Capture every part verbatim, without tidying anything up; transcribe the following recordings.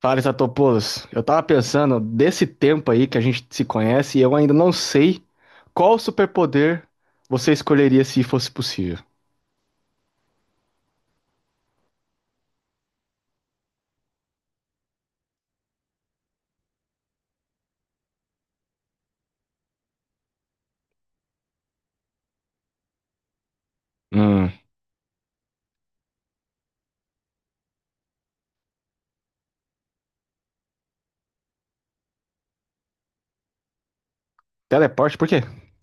Fala, Statopoulos. Eu tava pensando desse tempo aí que a gente se conhece e eu ainda não sei qual superpoder você escolheria se fosse possível. Hum, teleporte, por quê?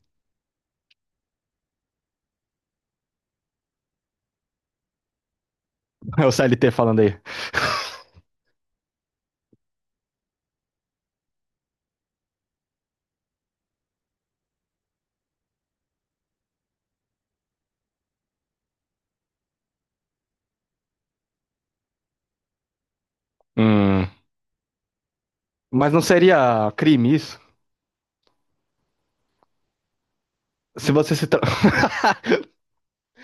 É o C L T falando aí. Hum, mas não seria crime isso? Se você se, tra-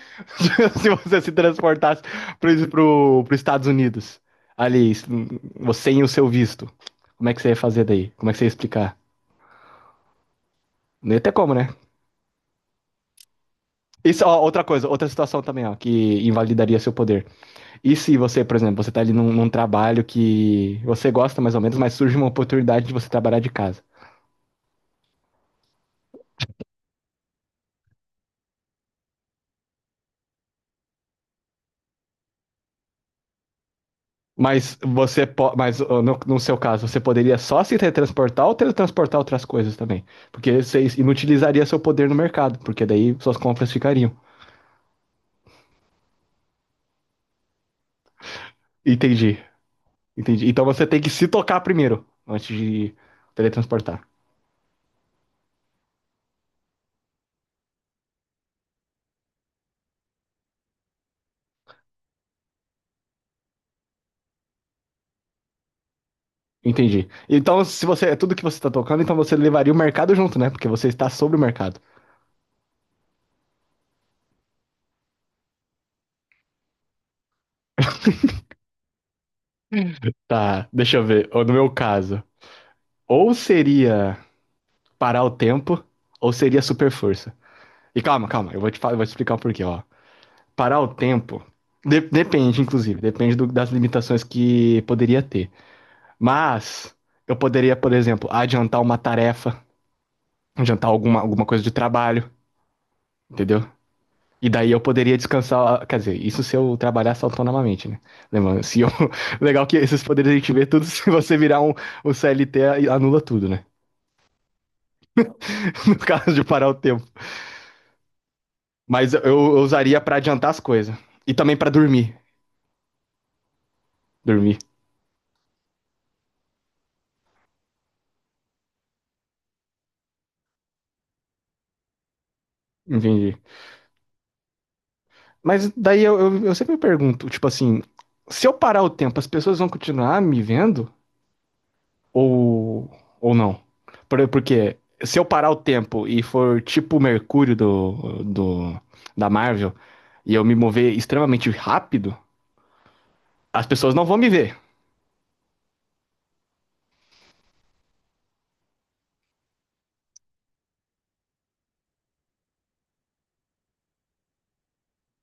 Se você se transportasse pro, pro, pro Estados Unidos, ali, você e o seu visto, como é que você ia fazer daí? Como é que você ia explicar? Não ia ter como, né? Isso, ó, outra coisa, outra situação também, ó, que invalidaria seu poder. E se você, por exemplo, você tá ali num, num trabalho que você gosta mais ou menos, mas surge uma oportunidade de você trabalhar de casa. Mas você po- mas ó, no, no seu caso, você poderia só se teletransportar ou teletransportar outras coisas também? Porque você inutilizaria seu poder no mercado, porque daí suas compras ficariam. Entendi, entendi. Então você tem que se tocar primeiro, antes de teletransportar. Entendi. Então, se você é tudo que você tá tocando, então você levaria o mercado junto, né? Porque você está sobre o mercado. Tá, deixa eu ver. Ó, no meu caso, ou seria parar o tempo, ou seria super força. E calma, calma, eu vou te, fa- eu vou te explicar o porquê, ó. Parar o tempo de- depende, inclusive, depende do- das limitações que poderia ter. Mas eu poderia, por exemplo, adiantar uma tarefa, adiantar alguma, alguma coisa de trabalho, entendeu? E daí eu poderia descansar, quer dizer, isso se eu trabalhasse autonomamente, né? Lembrando, se eu... Legal que esses poderes a gente vê tudo, se você virar um, um C L T, anula tudo, né? No caso de parar o tempo. Mas eu, eu usaria pra adiantar as coisas. E também pra dormir. Dormir. Entendi. Mas daí eu, eu, eu sempre me pergunto, tipo assim, se eu parar o tempo, as pessoas vão continuar me vendo? Ou, ou não? Por- Porque se eu parar o tempo e for tipo o Mercúrio do, do, da Marvel, e eu me mover extremamente rápido, as pessoas não vão me ver.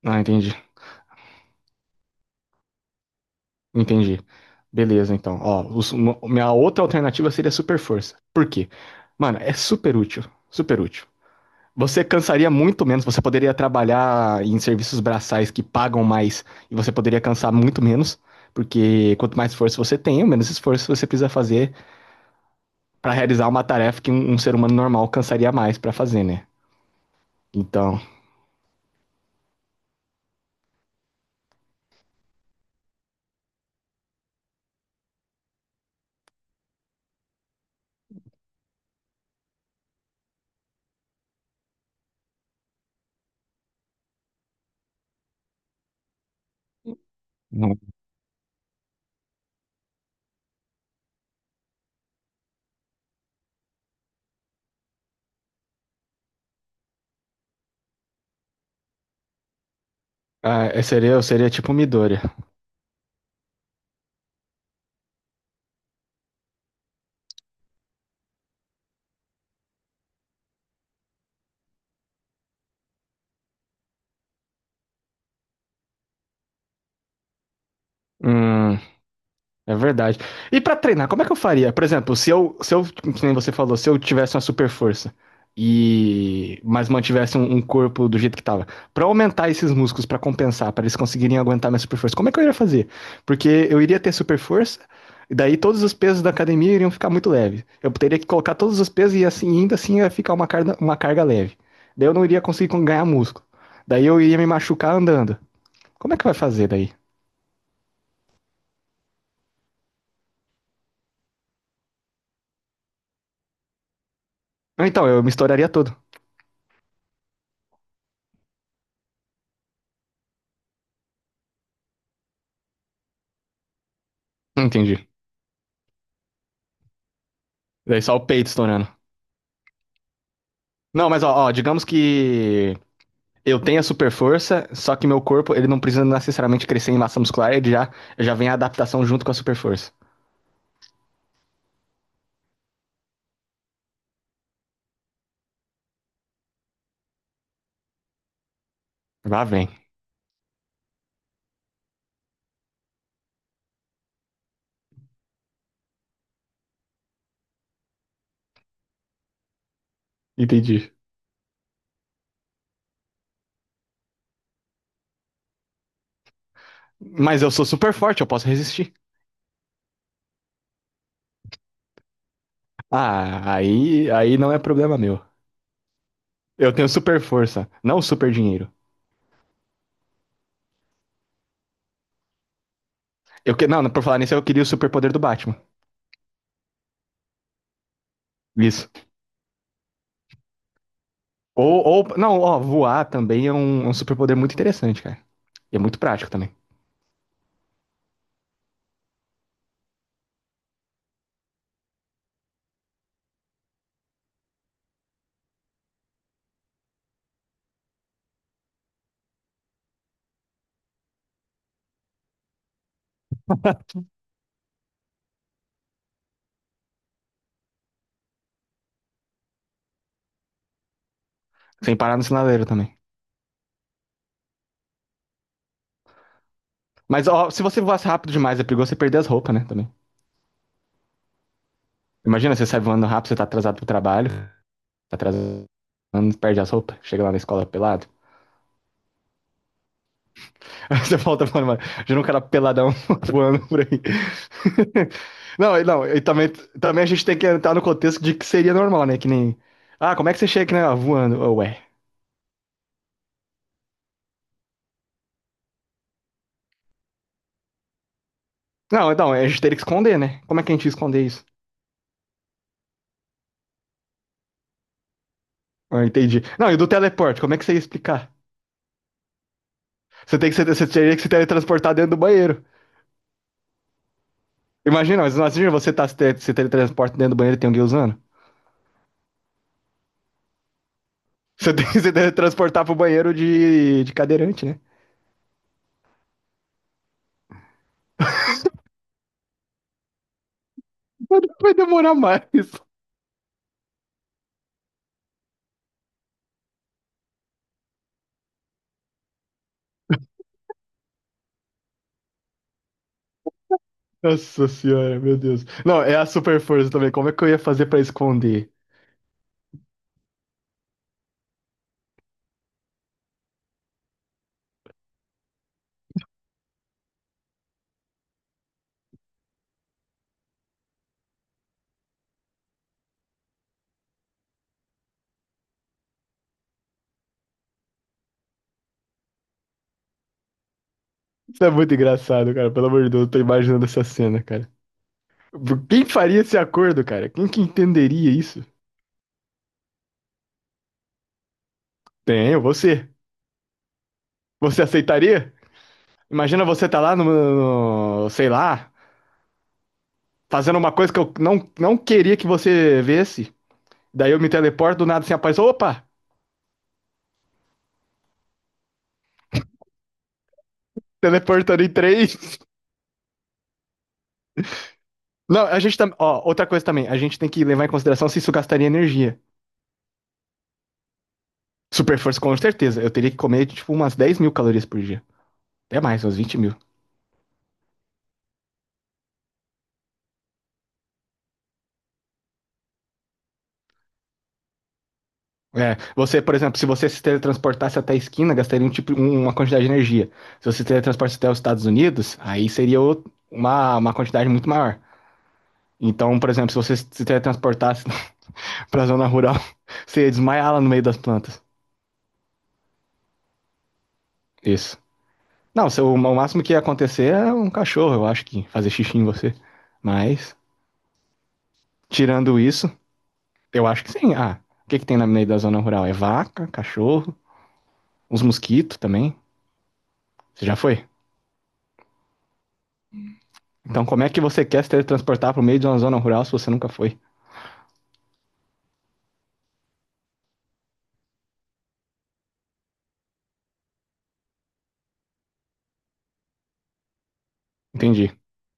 Ah, entendi. Entendi. Beleza, então. Ó, os- uma- minha outra alternativa seria super força. Por quê? Mano, é super útil. Super útil. Você cansaria muito menos, você poderia trabalhar em serviços braçais que pagam mais e você poderia cansar muito menos, porque quanto mais força você tem, menos esforço você precisa fazer para realizar uma tarefa que um, um ser humano normal cansaria mais para fazer, né? Então, ah, eu seria, eu seria tipo um Midoriya. Hum. É verdade. E pra treinar, como é que eu faria? Por exemplo, se eu, se eu, que nem você falou, se eu tivesse uma super força e mas mantivesse um, um corpo do jeito que tava, pra aumentar esses músculos pra compensar, pra eles conseguirem aguentar minha super força, como é que eu iria fazer? Porque eu iria ter super força e daí todos os pesos da academia iriam ficar muito leves. Eu teria que colocar todos os pesos e assim ainda assim ia ficar uma carga, uma carga leve. Daí eu não iria conseguir con- ganhar músculo. Daí eu iria me machucar andando. Como é que vai fazer daí? Então, eu me estouraria todo. Entendi. Daí só o peito estourando. Não, mas ó, ó, digamos que eu tenha super força, só que meu corpo, ele não precisa necessariamente crescer em massa muscular, ele já, já vem a adaptação junto com a super força. Lá vem. Entendi. Mas eu sou super forte, eu posso resistir. Ah, aí, aí não é problema meu. Eu tenho super força, não super dinheiro. Eu que, não, por falar nisso, eu queria o superpoder do Batman. Isso. Ou, ou não, ó, voar também é um, um superpoder muito interessante, cara. E é muito prático também. Sem parar no sinaleiro também. Mas ó, se você voasse rápido demais, é perigoso você perder as roupas, né? Também. Imagina, você sai voando rápido, você tá atrasado pro trabalho, tá atrasado, perde as roupas, chega lá na escola pelado. Aí você volta falando, mano, já não um cara peladão voando por aí. Não, e não, e também, também a gente tem que entrar no contexto de que seria normal, né? Que nem. Ah, como é que você chega aqui, né? Ah, voando, oh, ué. Não, então, a gente teria que esconder, né? Como é que a gente ia esconder isso? Ah, entendi. Não, e do teleporte, como é que você ia explicar? Você tem que ser, você teria que se teletransportar dentro do banheiro. Imagina, mas imagina você tá se, te- se teletransporta dentro do banheiro e tem alguém usando. Você tem que se teletransportar pro banheiro de, de cadeirante, né? Mas vai demorar mais. Nossa senhora, meu Deus. Não, é a super força também. Como é que eu ia fazer pra esconder? Isso é muito engraçado, cara. Pelo amor de Deus, eu tô imaginando essa cena, cara. Quem faria esse acordo, cara? Quem que entenderia isso? Tenho, você. Você aceitaria? Imagina você tá lá no, no- sei lá, fazendo uma coisa que eu não, não queria que você visse. Daí eu me teleporto, do nada assim aparece, opa, teleportando em três. Não, a gente também, ó, outra coisa também, a gente tem que levar em consideração se isso gastaria energia. Super força, com certeza. Eu teria que comer, tipo, umas dez mil calorias por dia. Até mais, umas vinte mil. É, você, por exemplo, se você se teletransportasse até a esquina, gastaria um tipo, um- uma quantidade de energia. Se você se teletransportasse até os Estados Unidos, aí seria o- uma, uma quantidade muito maior. Então, por exemplo, se você se teletransportasse para a zona rural, você ia desmaiar lá no meio das plantas. Isso. Não, se o, o máximo que ia acontecer é um cachorro, eu acho que fazer xixi em você. Mas, tirando isso, eu acho que sim. Ah, o que que tem na meio da zona rural? É vaca, cachorro, uns mosquitos também. Você já foi? Então, como é que você quer se teletransportar para o meio de uma zona rural se você nunca foi? Entendi.